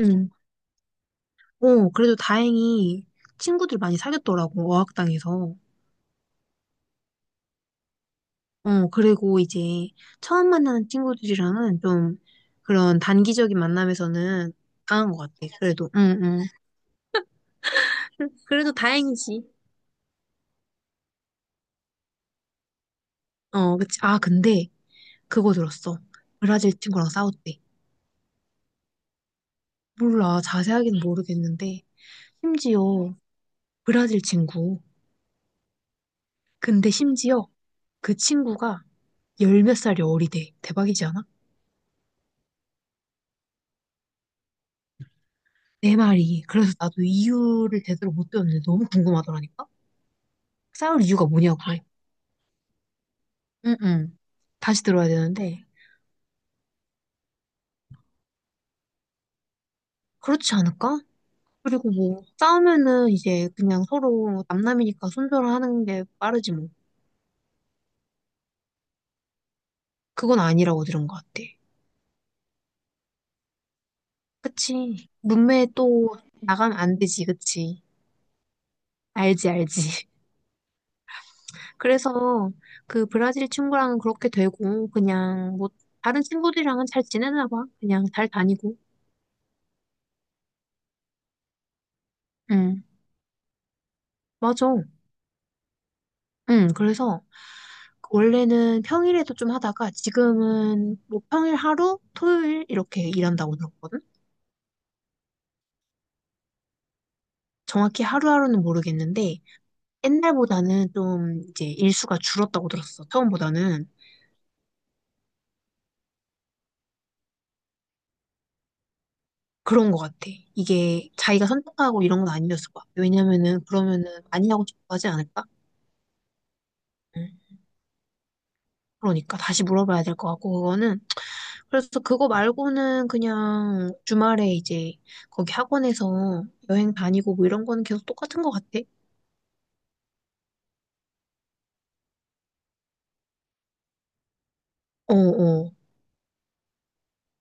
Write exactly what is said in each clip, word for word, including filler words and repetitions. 응. 어, 그래도 다행히 친구들 많이 사귀었더라고, 어학당에서. 어, 그리고 이제 처음 만나는 친구들이랑은 좀 그런 단기적인 만남에서는 강한 것 같아, 그래도. 응, 응. 그- 그래도 다행이지. 어, 그치. 아, 근데 그거 들었어. 브라질 친구랑 싸웠대. 몰라, 자세하게는 모르겠는데. 심지어 브라질 친구. 근데 심지어 그 친구가 열몇 살이 어리대. 대박이지 않아? 내 말이. 그래서 나도 이유를 제대로 못 들었는데 너무 궁금하더라니까? 싸울 이유가 뭐냐고. 응응. 다시 들어야 되는데. 그렇지 않을까? 그리고 뭐, 싸우면은 이제 그냥 서로 남남이니까 손절하는 게 빠르지 뭐. 그건 아니라고 들은 것 같아. 그치. 문매 또 나가면 안 되지, 그치. 알지, 알지. 그래서 그 브라질 친구랑은 그렇게 되고, 그냥 뭐, 다른 친구들이랑은 잘 지내나 봐. 그냥 잘 다니고. 응. 맞아. 응, 그래서 원래는 평일에도 좀 하다가 지금은 뭐 평일 하루, 토요일 이렇게 일한다고 들었거든? 정확히 하루하루는 모르겠는데 옛날보다는 좀 이제 일수가 줄었다고 들었어. 처음보다는. 그런 것 같아. 이게 자기가 선택하고 이런 건 아니었을 것 같아. 왜냐면은 그러면은 많이 하고 싶어 하지 않을까? 응. 그러니까 다시 물어봐야 될 것 같고 그거는. 그래서 그거 말고는 그냥 주말에 이제 거기 학원에서 여행 다니고 뭐 이런 거는 계속 똑같은 것 같아. 어어.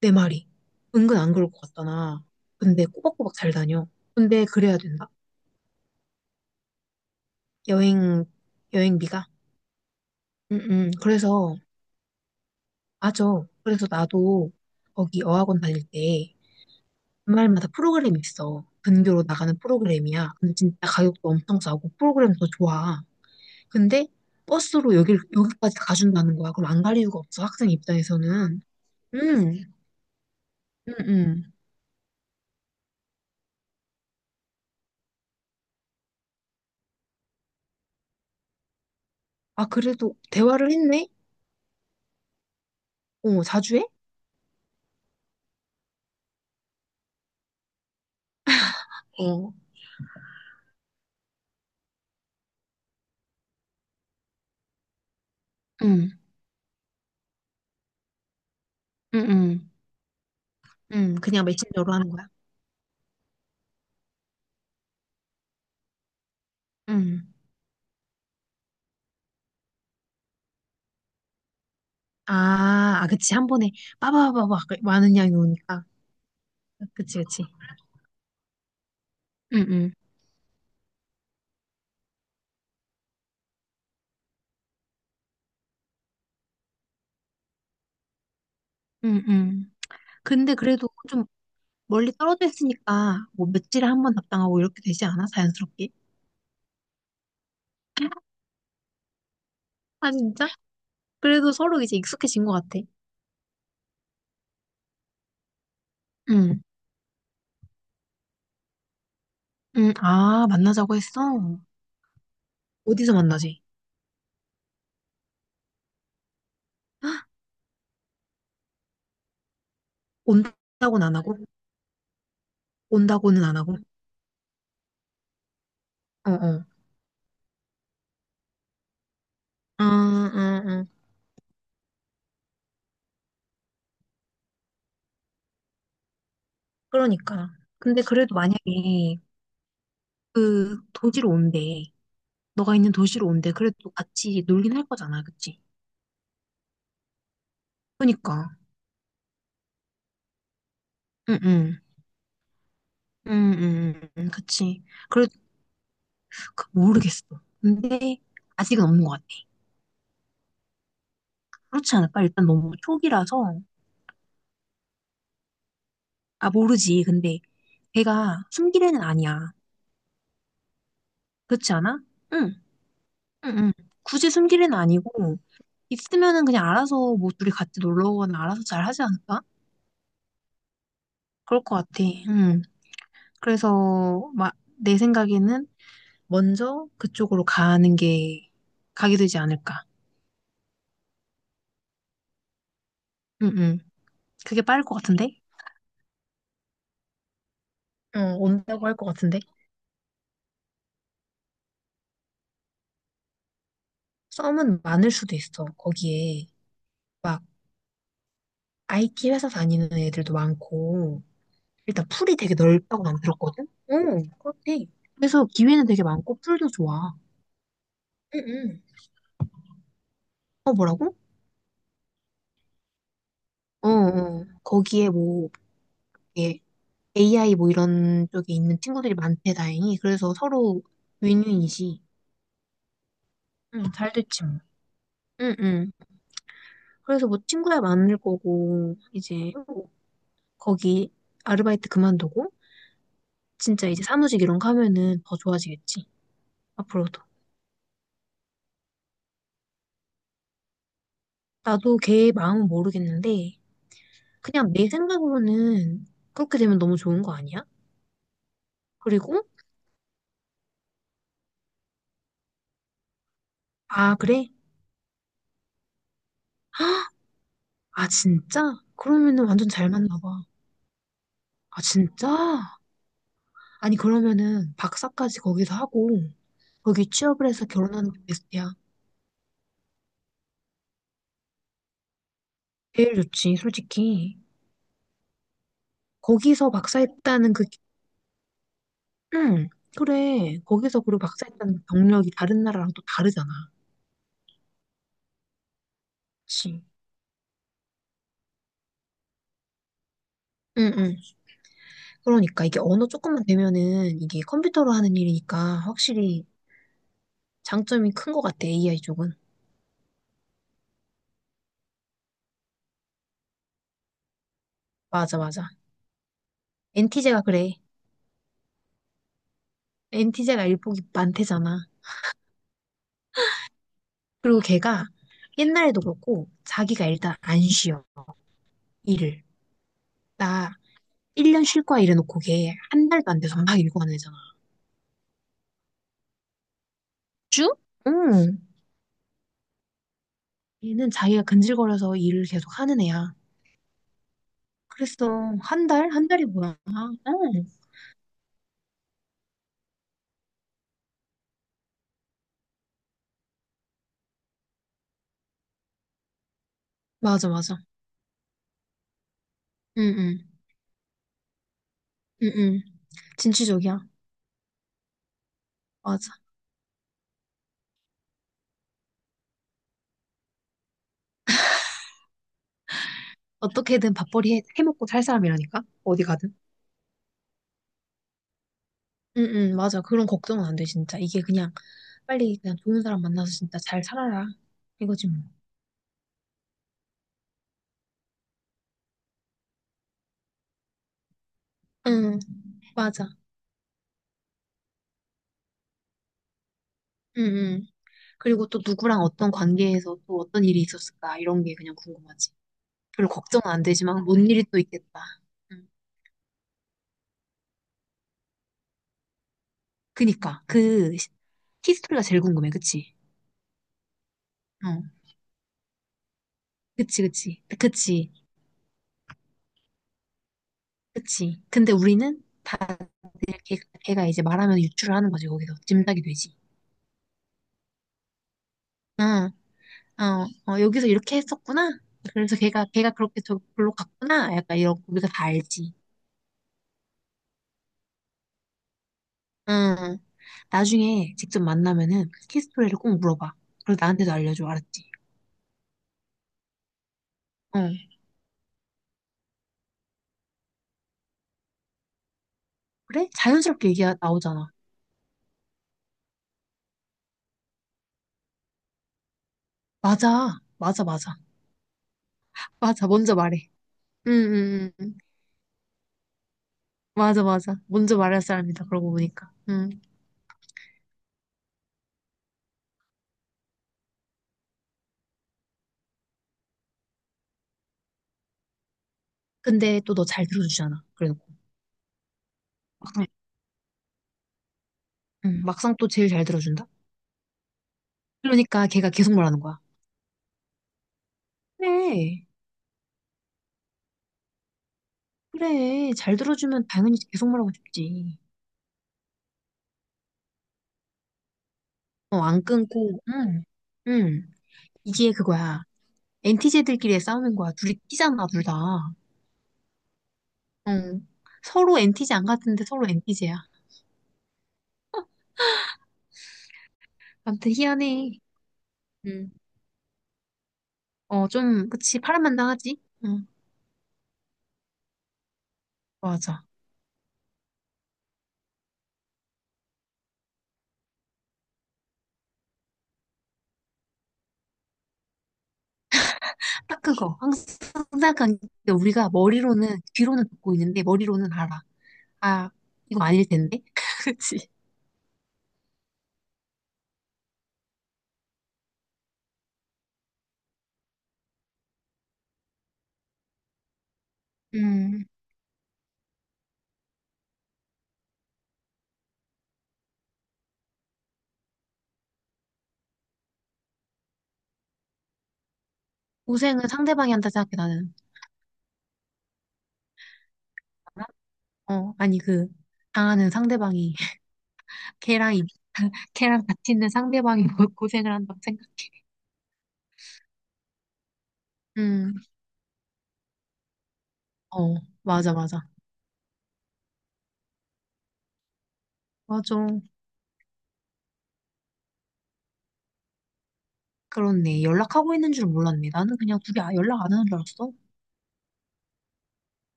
내 말이. 은근 안 그럴 것 같잖아. 근데 꼬박꼬박 잘 다녀. 근데 그래야 된다. 여행, 여행비가. 응, 응. 그래서, 맞아. 그래서 나도 거기 어학원 다닐 때 주말마다 프로그램이 있어. 근교로 나가는 프로그램이야. 근데 진짜 가격도 엄청 싸고 프로그램도 좋아. 근데 버스로 여기, 여기까지 가준다는 거야. 그럼 안 갈 이유가 없어. 학생 입장에서는. 응, 응, 응. 아, 그래도 대화를 했네? 어, 자주 해? 어, 응, 응, 응. 음, 그냥 메신저로 하는 거야? 음. 아, 아, 그치. 한 번에 빠바바바 많은 양이 오니까. 그치, 그치. 응응 응응 근데 그래도 좀 멀리 떨어져 있으니까 뭐 며칠에 한 번 답당하고 이렇게 되지 않아? 자연스럽게? 아, 진짜? 그래도 서로 이제 익숙해진 것 같아. 응 응 아, 만나자고 했어? 어디서 만나지? 헉, 온다고는 안 하고? 온다고는 안 하고? 어, 어. 음, 음, 음. 그러니까. 근데 그래도 만약에 그 도지로 온대. 너가 있는 도시로 온대. 그래도 같이 놀긴 할 거잖아, 그치? 그니까. 러 응, 응. 응, 응, 응, 그치. 그래, 그- 모르겠어. 근데, 아직은 없는 것 같아. 그렇지 않을까? 일단 너무 초기라서. 아, 모르지. 근데, 걔가 숨길 애는 아니야. 그렇지 않아? 응, 응, 응. 굳이 숨길 애는 아니고, 있으면은 그냥 알아서 뭐 둘이 같이 놀러 오거나 알아서 잘 하지 않을까? 그럴 것 같아. 응. 그래서, 막, 내 생각에는, 먼저 그쪽으로 가는 게 가게 되지 않을까. 응응. 그게 빠를 것 같은데? 응, 온다고 할 것 같은데? 썸은 많을 수도 있어. 거기에 막 아이티 회사 다니는 애들도 많고 일단 풀이 되게 넓다고 난 들었거든? 응, 그렇대. 그래서 기회는 되게 많고 풀도 좋아. 응응. 어, 뭐라고? 어, 어. 거기에 뭐, 이게 에이아이 뭐 이런 쪽에 있는 친구들이 많대, 다행히. 그래서 서로 윈윈이지. 응, 잘 됐지 뭐. 응, 응. 그래서 뭐 친구야 많을 거고, 이제 거기 아르바이트 그만두고, 진짜 이제 사무직 이런 거 하면은 더 좋아지겠지. 앞으로도. 나도 걔 마음은 모르겠는데, 그냥 내 생각으로는 그렇게 되면 너무 좋은 거 아니야? 그리고, 아, 그래? 아, 진짜? 그러면은 완전 잘 맞나 봐. 아, 진짜? 아니, 그러면은 박사까지 거기서 하고, 거기 취업을 해서 결혼하는 게 베스트야. 제일 좋지, 솔직히. 거기서 박사했다는 그 응, 그래. 거기서 그리고 박사했다는 경력이 다른 나라랑 또 다르잖아. 그치. 응, 응. 그러니까 이게 언어 조금만 되면은 이게 컴퓨터로 하는 일이니까 확실히 장점이 큰 것 같아, 에이아이 쪽은. 맞아, 맞아. 엔티제가 그래. 엔티제가 일복이 많대잖아. 그리고 걔가 옛날에도 그렇고 자기가 일단 안 쉬어, 일을. 나 일 년 쉴 거야 이래놓고 걔 한 달도 안 돼서 막 일고 하는 애잖아. 주? 응. 얘는 자기가 근질거려서 일을 계속 하는 애야. 그랬어. 한 달? 한 달이 뭐야? 응. 맞아, 맞아. 응, 응, 응, 응. 진취적이야. 맞아. 어떻게든 밥벌이 해, 해먹고 살 사람이라니까? 어디 가든. 응, 응, 맞아. 그런 걱정은 안 돼, 진짜. 이게 그냥 빨리 그냥 좋은 사람 만나서 진짜 잘 살아라. 이거지 뭐. 응, 맞아. 응, 응. 그리고 또 누구랑 어떤 관계에서 또 어떤 일이 있었을까? 이런 게 그냥 궁금하지. 별로 걱정은 안 되지만 뭔 일이 또 있겠다. 응. 그니까. 그 히스토리가 제일 궁금해, 그치? 어. 그치, 그치, 그치, 그치. 근데 우리는 다 걔, 걔가 이제 말하면 유추를 하는 거지, 거기서. 짐작이 되지. 응, 어, 어, 여기서 이렇게 했었구나. 그래서 걔가, 걔가 그렇게 저기로 갔구나. 약간 이런, 거기서 다 알지. 응. 나중에 직접 만나면은 키스토리를 꼭 물어봐. 그리고 나한테도 알려줘, 알았지? 어. 그래? 자연스럽게 얘기 나오잖아. 맞아, 맞아, 맞아. 맞아, 먼저 말해. 응, 응, 응. 응. 맞아, 맞아. 먼저 말할 사람이다, 그러고 보니까. 응. 근데 또 너 잘 들어주잖아. 그래놓고. 응, 응, 막상 또 제일 잘 들어준다? 그러니까 걔가 계속 말하는 거야. 그래, 그래. 잘 들어주면 당연히 계속 말하고 싶지. 어, 안 끊고, 응, 응. 이게 그거야. 엔티제들끼리의 싸움인 거야. 둘이 끼잖아, 둘 다. 응. 서로 엔티제 안 같은데 서로 엔티제야. 아무튼 희한해. 응. 어, 좀, 그치. 파란만장하지? 응, 맞아. 딱 그거. 항상 생각한 게 우리가 머리로는, 귀로는 듣고 있는데 머리로는 알아. 아, 이거 아닐 텐데. 그치? 음, 고생은 상대방이 한다 생각해, 나는. 어, 아니, 그, 당하는 상대방이, 걔랑, 이- 걔랑 같이 있는 상대방이 뭐 고생을 한다고 생각. 음, 어, 맞아, 맞아. 맞아. 그렇네. 연락하고 있는 줄 몰랐네. 나는 그냥 둘이 아- 연락 안 하는 줄 알았어.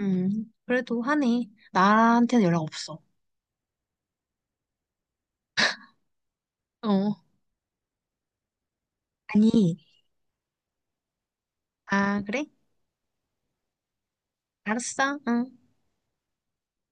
음, 그래도 하네. 나한테는 연락 없어. 어, 아니, 아, 그래? 알았어. 응.